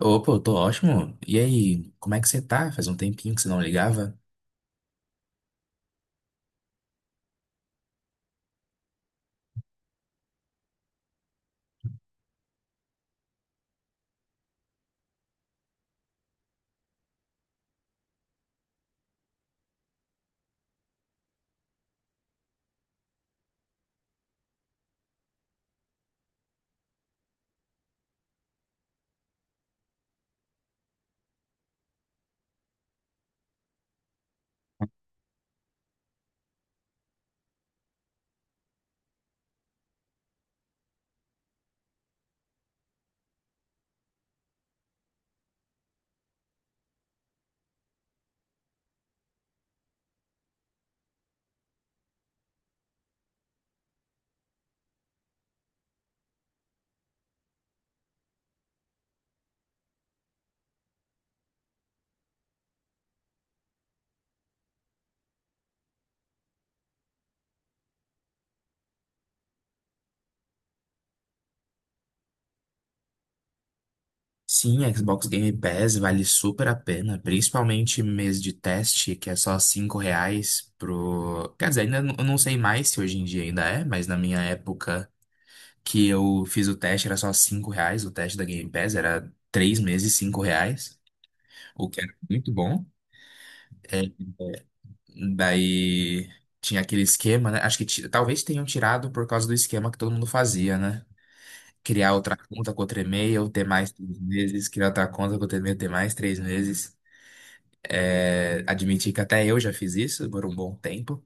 Opa, eu tô ótimo. E aí, como é que você tá? Faz um tempinho que você não ligava? Sim, a Xbox Game Pass vale super a pena, principalmente mês de teste, que é só R$ 5 pro. Quer dizer, eu não sei mais se hoje em dia ainda é, mas na minha época que eu fiz o teste era só R$ 5, o teste da Game Pass era 3 meses, R$ 5, o que era muito bom. É, é, daí tinha aquele esquema, né? Acho que talvez tenham tirado por causa do esquema que todo mundo fazia, né? Criar outra conta com outro e-mail, ter mais 3 meses, criar outra conta com outro e-mail, ter mais três meses. É, admitir que até eu já fiz isso por um bom tempo.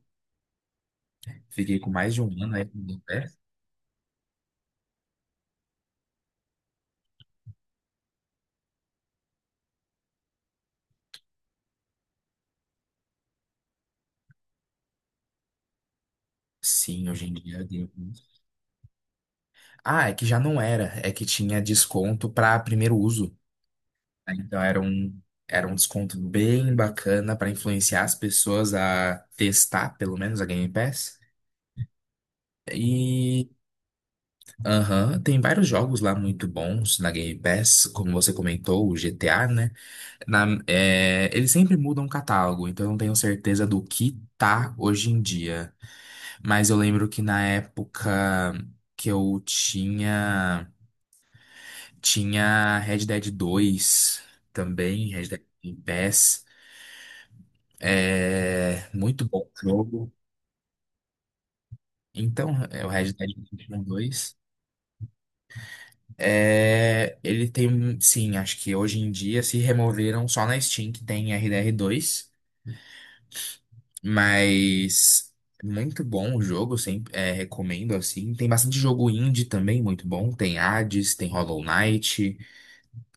Fiquei com mais de um ano aí no pé. Sim, hoje em dia, eu tenho- um. Ah, é que já não era. É que tinha desconto para primeiro uso, né? Então era um desconto bem bacana para influenciar as pessoas a testar, pelo menos, a Game Pass. E aham, tem vários jogos lá muito bons na Game Pass, como você comentou, o GTA, né? É, eles sempre mudam o catálogo, então eu não tenho certeza do que tá hoje em dia. Mas eu lembro que na época que eu tinha. Tinha Red Dead 2 também, Red Dead Game Pass. É, muito bom jogo. Então, é o Red Dead Redemption 2. É, ele tem, sim, acho que hoje em dia se removeram só na Steam que tem RDR2. Mas muito bom o jogo, sempre é, recomendo assim. Tem bastante jogo indie também, muito bom. Tem Hades, tem Hollow Knight.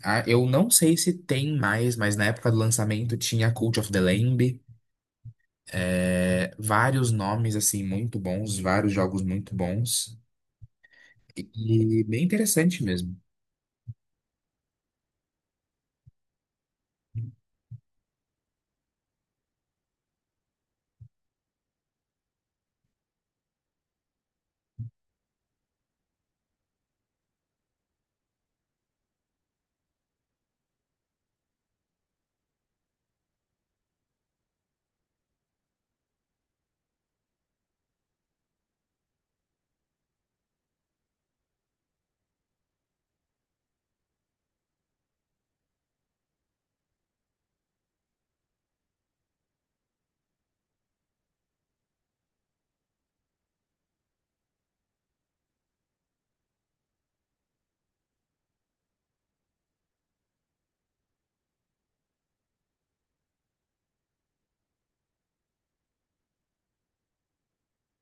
Ah, eu não sei se tem mais, mas na época do lançamento tinha Cult of the Lamb. É, vários nomes assim muito bons, vários jogos muito bons. E bem interessante mesmo.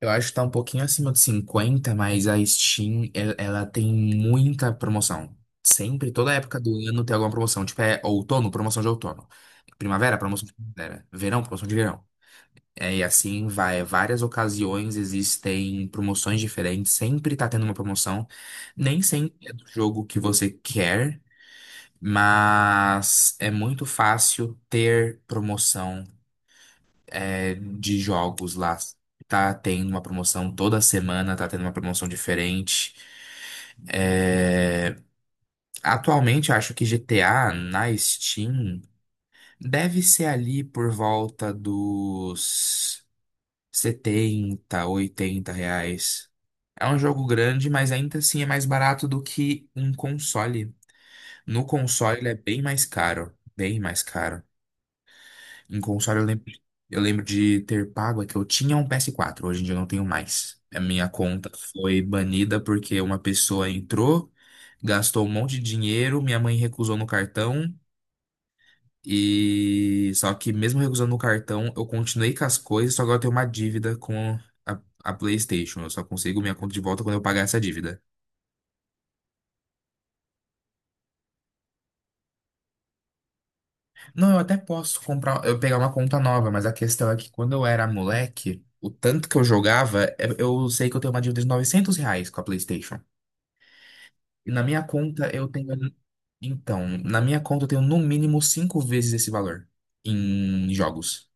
Eu acho que tá um pouquinho acima de cinquenta, mas a Steam, ela tem muita promoção. Sempre, toda época do ano tem alguma promoção. Tipo, é outono, promoção de outono. Primavera, promoção de primavera. Verão, promoção de verão. É, e assim vai. Várias ocasiões existem promoções diferentes. Sempre tá tendo uma promoção. Nem sempre é do jogo que você quer, mas é muito fácil ter promoção de jogos lá. Tá tendo uma promoção toda semana, tá tendo uma promoção diferente. É, atualmente, acho que GTA na Steam deve ser ali por volta dos 70, 80 reais. É um jogo grande, mas ainda assim é mais barato do que um console. No console, ele é bem mais caro. Bem mais caro. Em console, eu lembro de ter pago, é que eu tinha um PS4, hoje em dia eu não tenho mais. A minha conta foi banida porque uma pessoa entrou, gastou um monte de dinheiro, minha mãe recusou no cartão, e só que mesmo recusando no cartão, eu continuei com as coisas, só agora eu tenho uma dívida com a PlayStation. Eu só consigo minha conta de volta quando eu pagar essa dívida. Não, eu até posso comprar, eu pegar uma conta nova, mas a questão é que quando eu era moleque, o tanto que eu jogava, eu sei que eu tenho uma dívida de R$ 900 com a PlayStation. E na minha conta eu tenho. Então, na minha conta eu tenho no mínimo cinco vezes esse valor em jogos.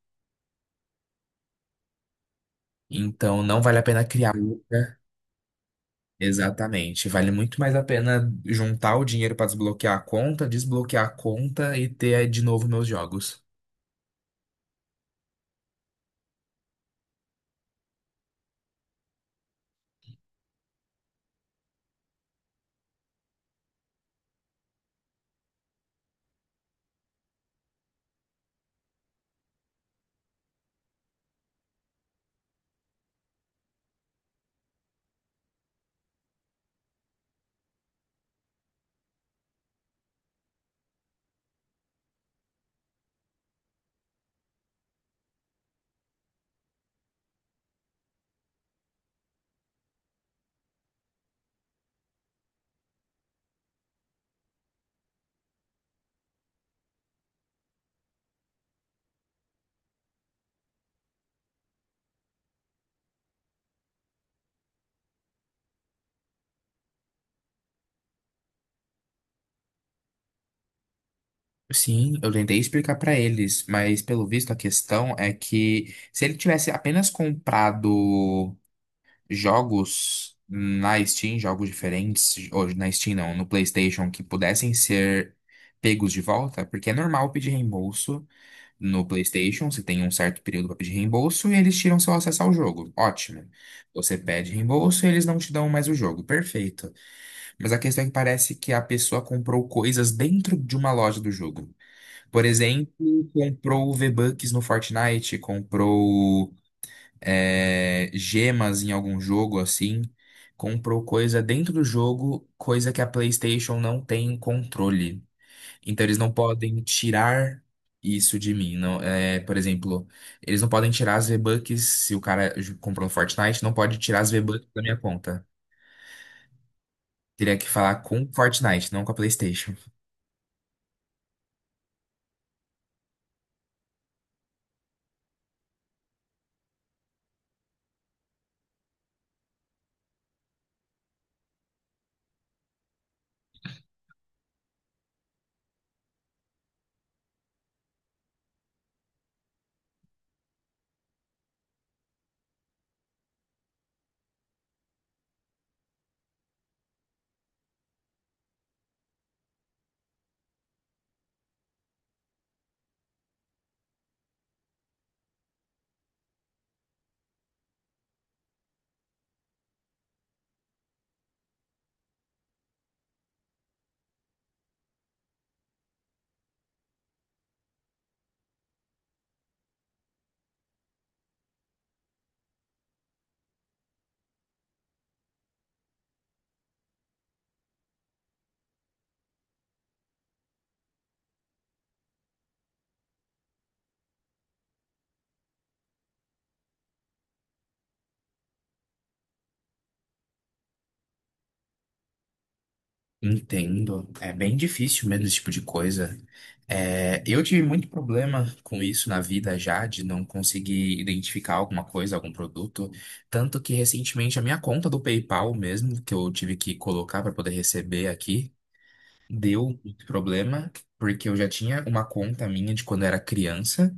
Então, não vale a pena criar outra. Exatamente. Vale muito mais a pena juntar o dinheiro para desbloquear a conta e ter de novo meus jogos. Sim, eu tentei explicar pra eles, mas pelo visto a questão é que se ele tivesse apenas comprado jogos na Steam, jogos diferentes, hoje na Steam não, no PlayStation, que pudessem ser pegos de volta, porque é normal pedir reembolso no PlayStation, você tem um certo período para pedir reembolso e eles tiram seu acesso ao jogo. Ótimo. Você pede reembolso e eles não te dão mais o jogo. Perfeito. Mas a questão é que parece que a pessoa comprou coisas dentro de uma loja do jogo. Por exemplo, comprou V-Bucks no Fortnite, comprou gemas em algum jogo assim, comprou coisa dentro do jogo, coisa que a PlayStation não tem controle. Então eles não podem tirar isso de mim. Não, é, por exemplo, eles não podem tirar as V-Bucks se o cara comprou no Fortnite, não pode tirar as V-Bucks da minha conta. Teria que falar com o Fortnite, não com a PlayStation. Entendo. É bem difícil mesmo esse tipo de coisa. É, eu tive muito problema com isso na vida já, de não conseguir identificar alguma coisa, algum produto. Tanto que recentemente a minha conta do PayPal mesmo, que eu tive que colocar para poder receber aqui, deu muito problema, porque eu já tinha uma conta minha de quando eu era criança.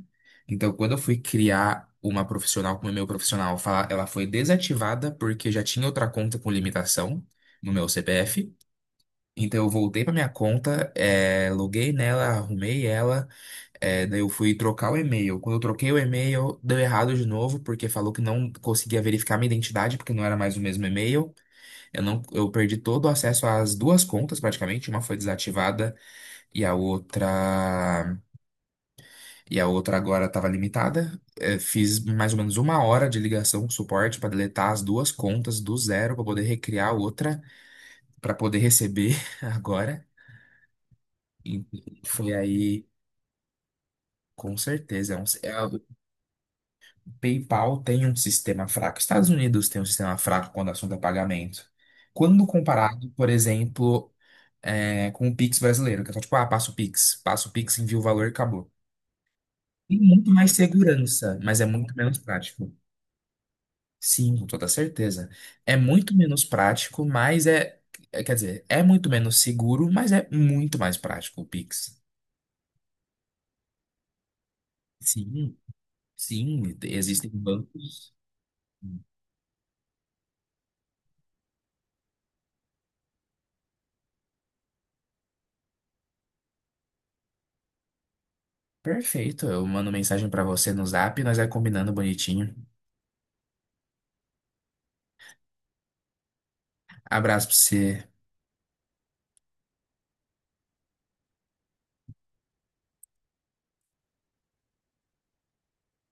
Então, quando eu fui criar uma profissional, como é meu profissional, ela foi desativada porque já tinha outra conta com limitação no meu CPF. Então eu voltei para minha conta, loguei nela, arrumei ela, daí eu fui trocar o e-mail. Quando eu troquei o e-mail, deu errado de novo, porque falou que não conseguia verificar minha identidade, porque não era mais o mesmo e-mail. Eu não, eu perdi todo o acesso às duas contas, praticamente. Uma foi desativada e a outra, e a outra agora estava limitada. Fiz mais ou menos uma hora de ligação com o suporte para deletar as duas contas do zero para poder recriar outra, para poder receber agora. E foi aí. Com certeza. É o PayPal tem um sistema fraco. Estados Unidos tem um sistema fraco quando o assunto é pagamento. Quando comparado, por exemplo, com o Pix brasileiro, que é só tipo, ah, passa o Pix, envia o valor e acabou. Tem muito mais segurança, mas é muito menos prático. Sim, com toda certeza. É muito menos prático, mas é. Quer dizer, é muito menos seguro, mas é muito mais prático o Pix. Sim, sim, existem bancos. Perfeito. Eu mando mensagem pra você no Zap, e nós vai combinando bonitinho. Abraço pra você.